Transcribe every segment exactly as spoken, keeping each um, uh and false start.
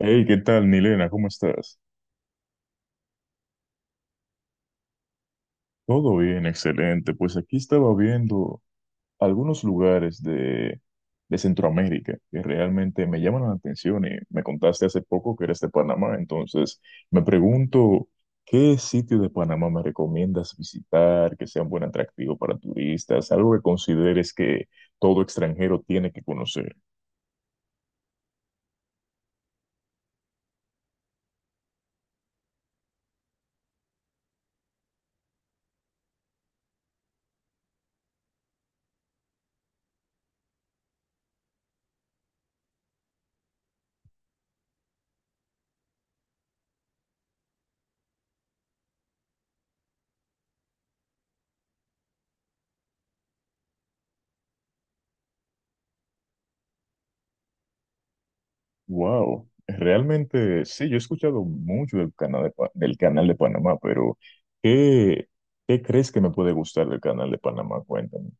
Hey, ¿qué tal, Milena? ¿Cómo estás? Todo bien, excelente. Pues aquí estaba viendo algunos lugares de, de Centroamérica que realmente me llaman la atención y me contaste hace poco que eres de Panamá, entonces me pregunto, ¿qué sitio de Panamá me recomiendas visitar que sea un buen atractivo para turistas? Algo que consideres que todo extranjero tiene que conocer. Wow, realmente sí, yo he escuchado mucho del canal de, Pa- del canal de Panamá, pero ¿qué, ¿qué crees que me puede gustar del canal de Panamá? Cuéntame.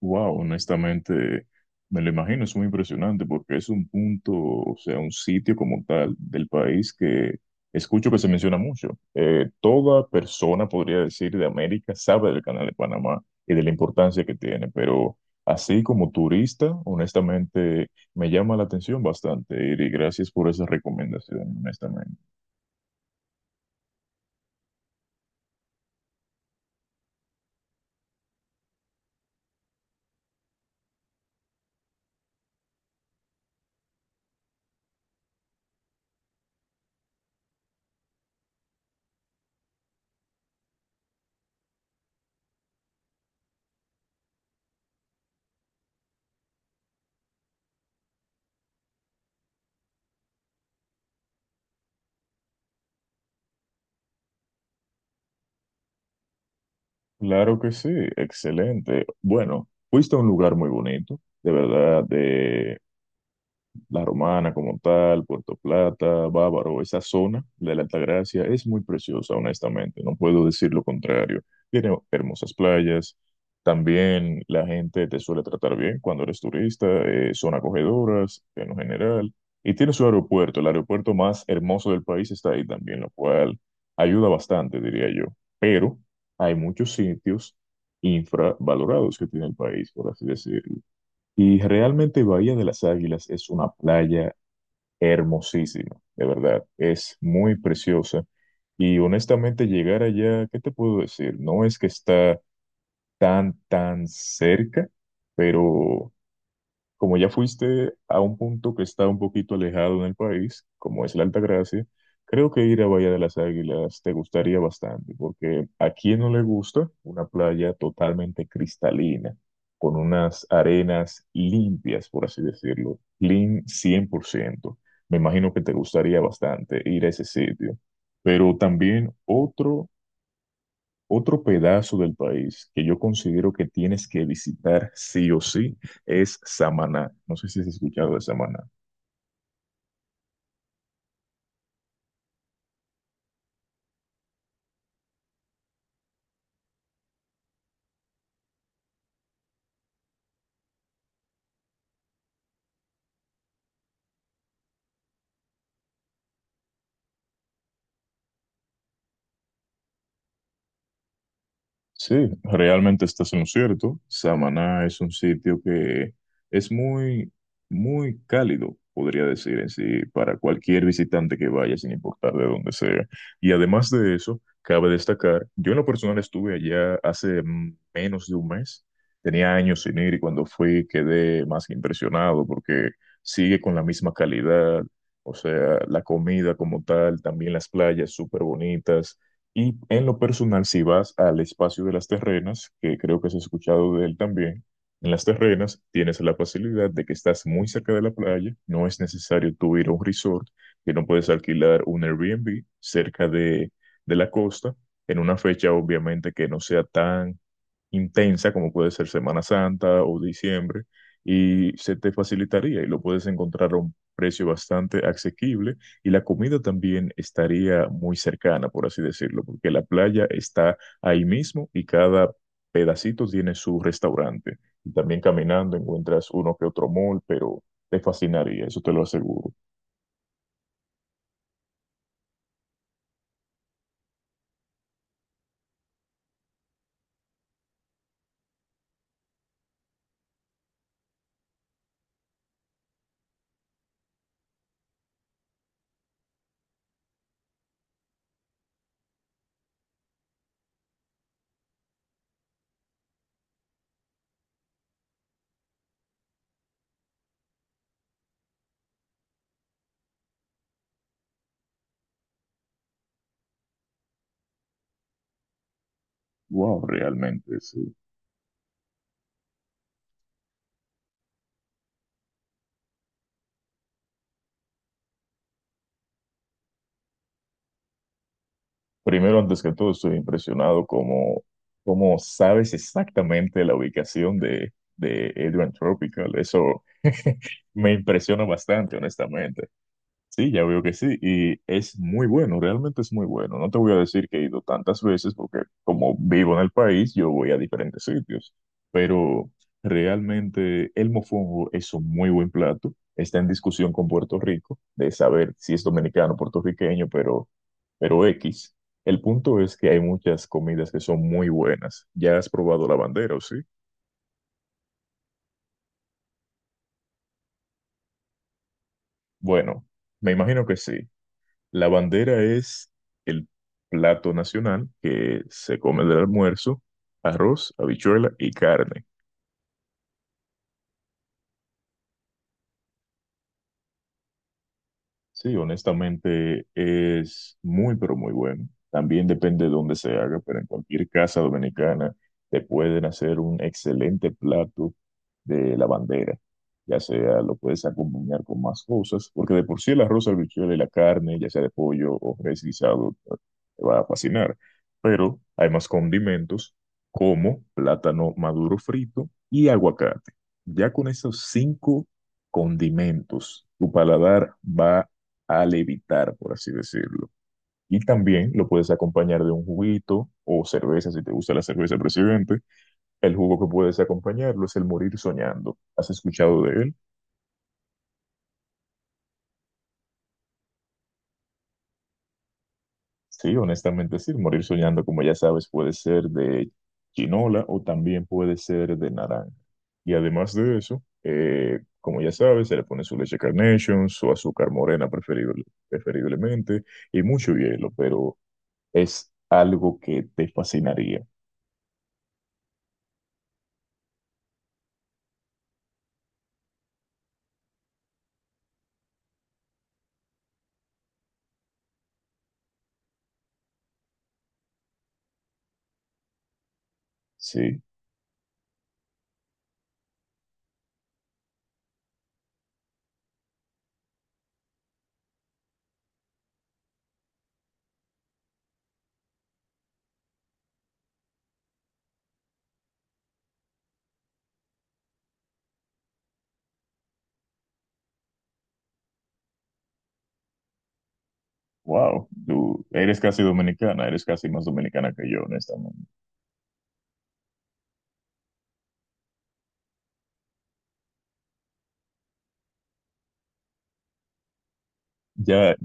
Wow, honestamente, me lo imagino, es muy impresionante porque es un punto, o sea, un sitio como tal del país que escucho que se menciona mucho. Eh, toda persona, podría decir, de América sabe del Canal de Panamá y de la importancia que tiene, pero así como turista, honestamente, me llama la atención bastante, y gracias por esa recomendación, honestamente. Claro que sí, excelente. Bueno, fuiste a un lugar muy bonito, de verdad, La Romana como tal, Puerto Plata, Bávaro, esa zona de la Altagracia es muy preciosa, honestamente, no puedo decir lo contrario. Tiene hermosas playas, también la gente te suele tratar bien cuando eres turista, eh, son acogedoras en lo general, y tiene su aeropuerto, el aeropuerto más hermoso del país está ahí también, lo cual ayuda bastante, diría yo. Pero hay muchos sitios infravalorados que tiene el país, por así decirlo, y realmente Bahía de las Águilas es una playa hermosísima, de verdad, es muy preciosa. Y honestamente llegar allá, ¿qué te puedo decir? No es que está tan, tan cerca, pero como ya fuiste a un punto que está un poquito alejado en el país, como es la Altagracia, creo que ir a Bahía de las Águilas te gustaría bastante, porque a quien no le gusta una playa totalmente cristalina, con unas arenas limpias, por así decirlo, clean cien por ciento. Me imagino que te gustaría bastante ir a ese sitio. Pero también otro otro pedazo del país que yo considero que tienes que visitar sí o sí es Samaná. No sé si has escuchado de Samaná. Sí, realmente estás en lo cierto. Samaná es un sitio que es muy, muy cálido, podría decir en sí, para cualquier visitante que vaya, sin importar de dónde sea. Y además de eso, cabe destacar, yo en lo personal estuve allá hace mm, menos de un mes. Tenía años sin ir y cuando fui quedé más que impresionado porque sigue con la misma calidad. O sea, la comida como tal, también las playas súper bonitas. Y en lo personal, si vas al espacio de las terrenas, que creo que has escuchado de él también, en las terrenas tienes la facilidad de que estás muy cerca de la playa, no es necesario tú ir a un resort, que no puedes alquilar un Airbnb cerca de, de la costa, en una fecha obviamente que no sea tan intensa, como puede ser Semana Santa o diciembre, y se te facilitaría y lo puedes encontrar a un precio bastante asequible y la comida también estaría muy cercana, por así decirlo, porque la playa está ahí mismo y cada pedacito tiene su restaurante. Y también caminando encuentras uno que otro mall, pero te fascinaría, eso te lo aseguro. Wow, realmente, sí. Primero, antes que todo, estoy impresionado como, cómo sabes exactamente la ubicación de, de Adrian Tropical. Eso me impresiona bastante, honestamente. Sí, ya veo que sí. Y es muy bueno, realmente es muy bueno. No te voy a decir que he ido tantas veces porque como vivo en el país, yo voy a diferentes sitios. Pero realmente el mofongo es un muy buen plato. Está en discusión con Puerto Rico de saber si es dominicano o puertorriqueño, pero... Pero X, el punto es que hay muchas comidas que son muy buenas. ¿Ya has probado la bandera o sí? Bueno, me imagino que sí. La bandera es el plato nacional que se come del almuerzo, arroz, habichuela y carne. Sí, honestamente es muy, pero muy bueno. También depende de dónde se haga, pero en cualquier casa dominicana te pueden hacer un excelente plato de la bandera. Ya sea lo puedes acompañar con más cosas, porque de por sí el arroz, la habichuela y la carne, ya sea de pollo o res guisado, te va a fascinar. Pero hay más condimentos como plátano maduro frito y aguacate. Ya con esos cinco condimentos, tu paladar va a levitar, por así decirlo. Y también lo puedes acompañar de un juguito o cerveza, si te gusta la cerveza, presidente. El jugo que puedes acompañarlo es el morir soñando. ¿Has escuchado de él? Sí, honestamente sí. Morir soñando, como ya sabes, puede ser de chinola o también puede ser de naranja. Y además de eso, eh, como ya sabes, se le pone su leche Carnation, su azúcar morena preferible- preferiblemente y mucho hielo, pero es algo que te fascinaría. Sí. Wow, tú eres casi dominicana, eres casi más dominicana que yo, honestamente. Ya,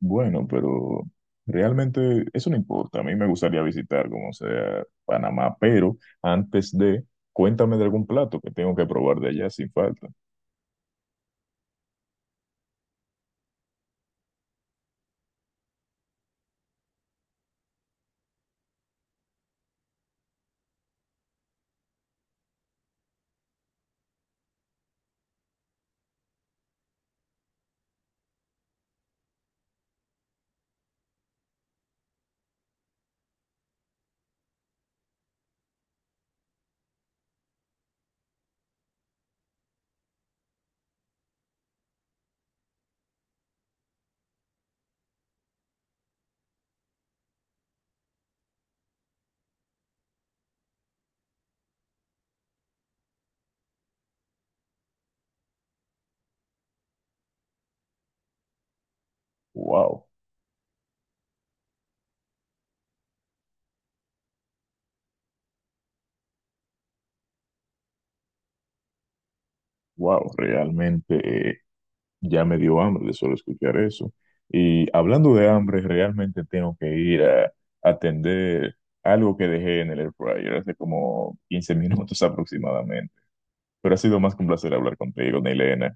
bueno, pero realmente eso no importa. A mí me gustaría visitar, como sea, Panamá, pero antes de, cuéntame de algún plato que tengo que probar de allá sin falta. Wow, wow, realmente eh, ya me dio hambre de solo escuchar eso. Y hablando de hambre, realmente tengo que ir a atender algo que dejé en el air fryer hace como quince minutos aproximadamente. Pero ha sido más que un placer hablar contigo, Nilena.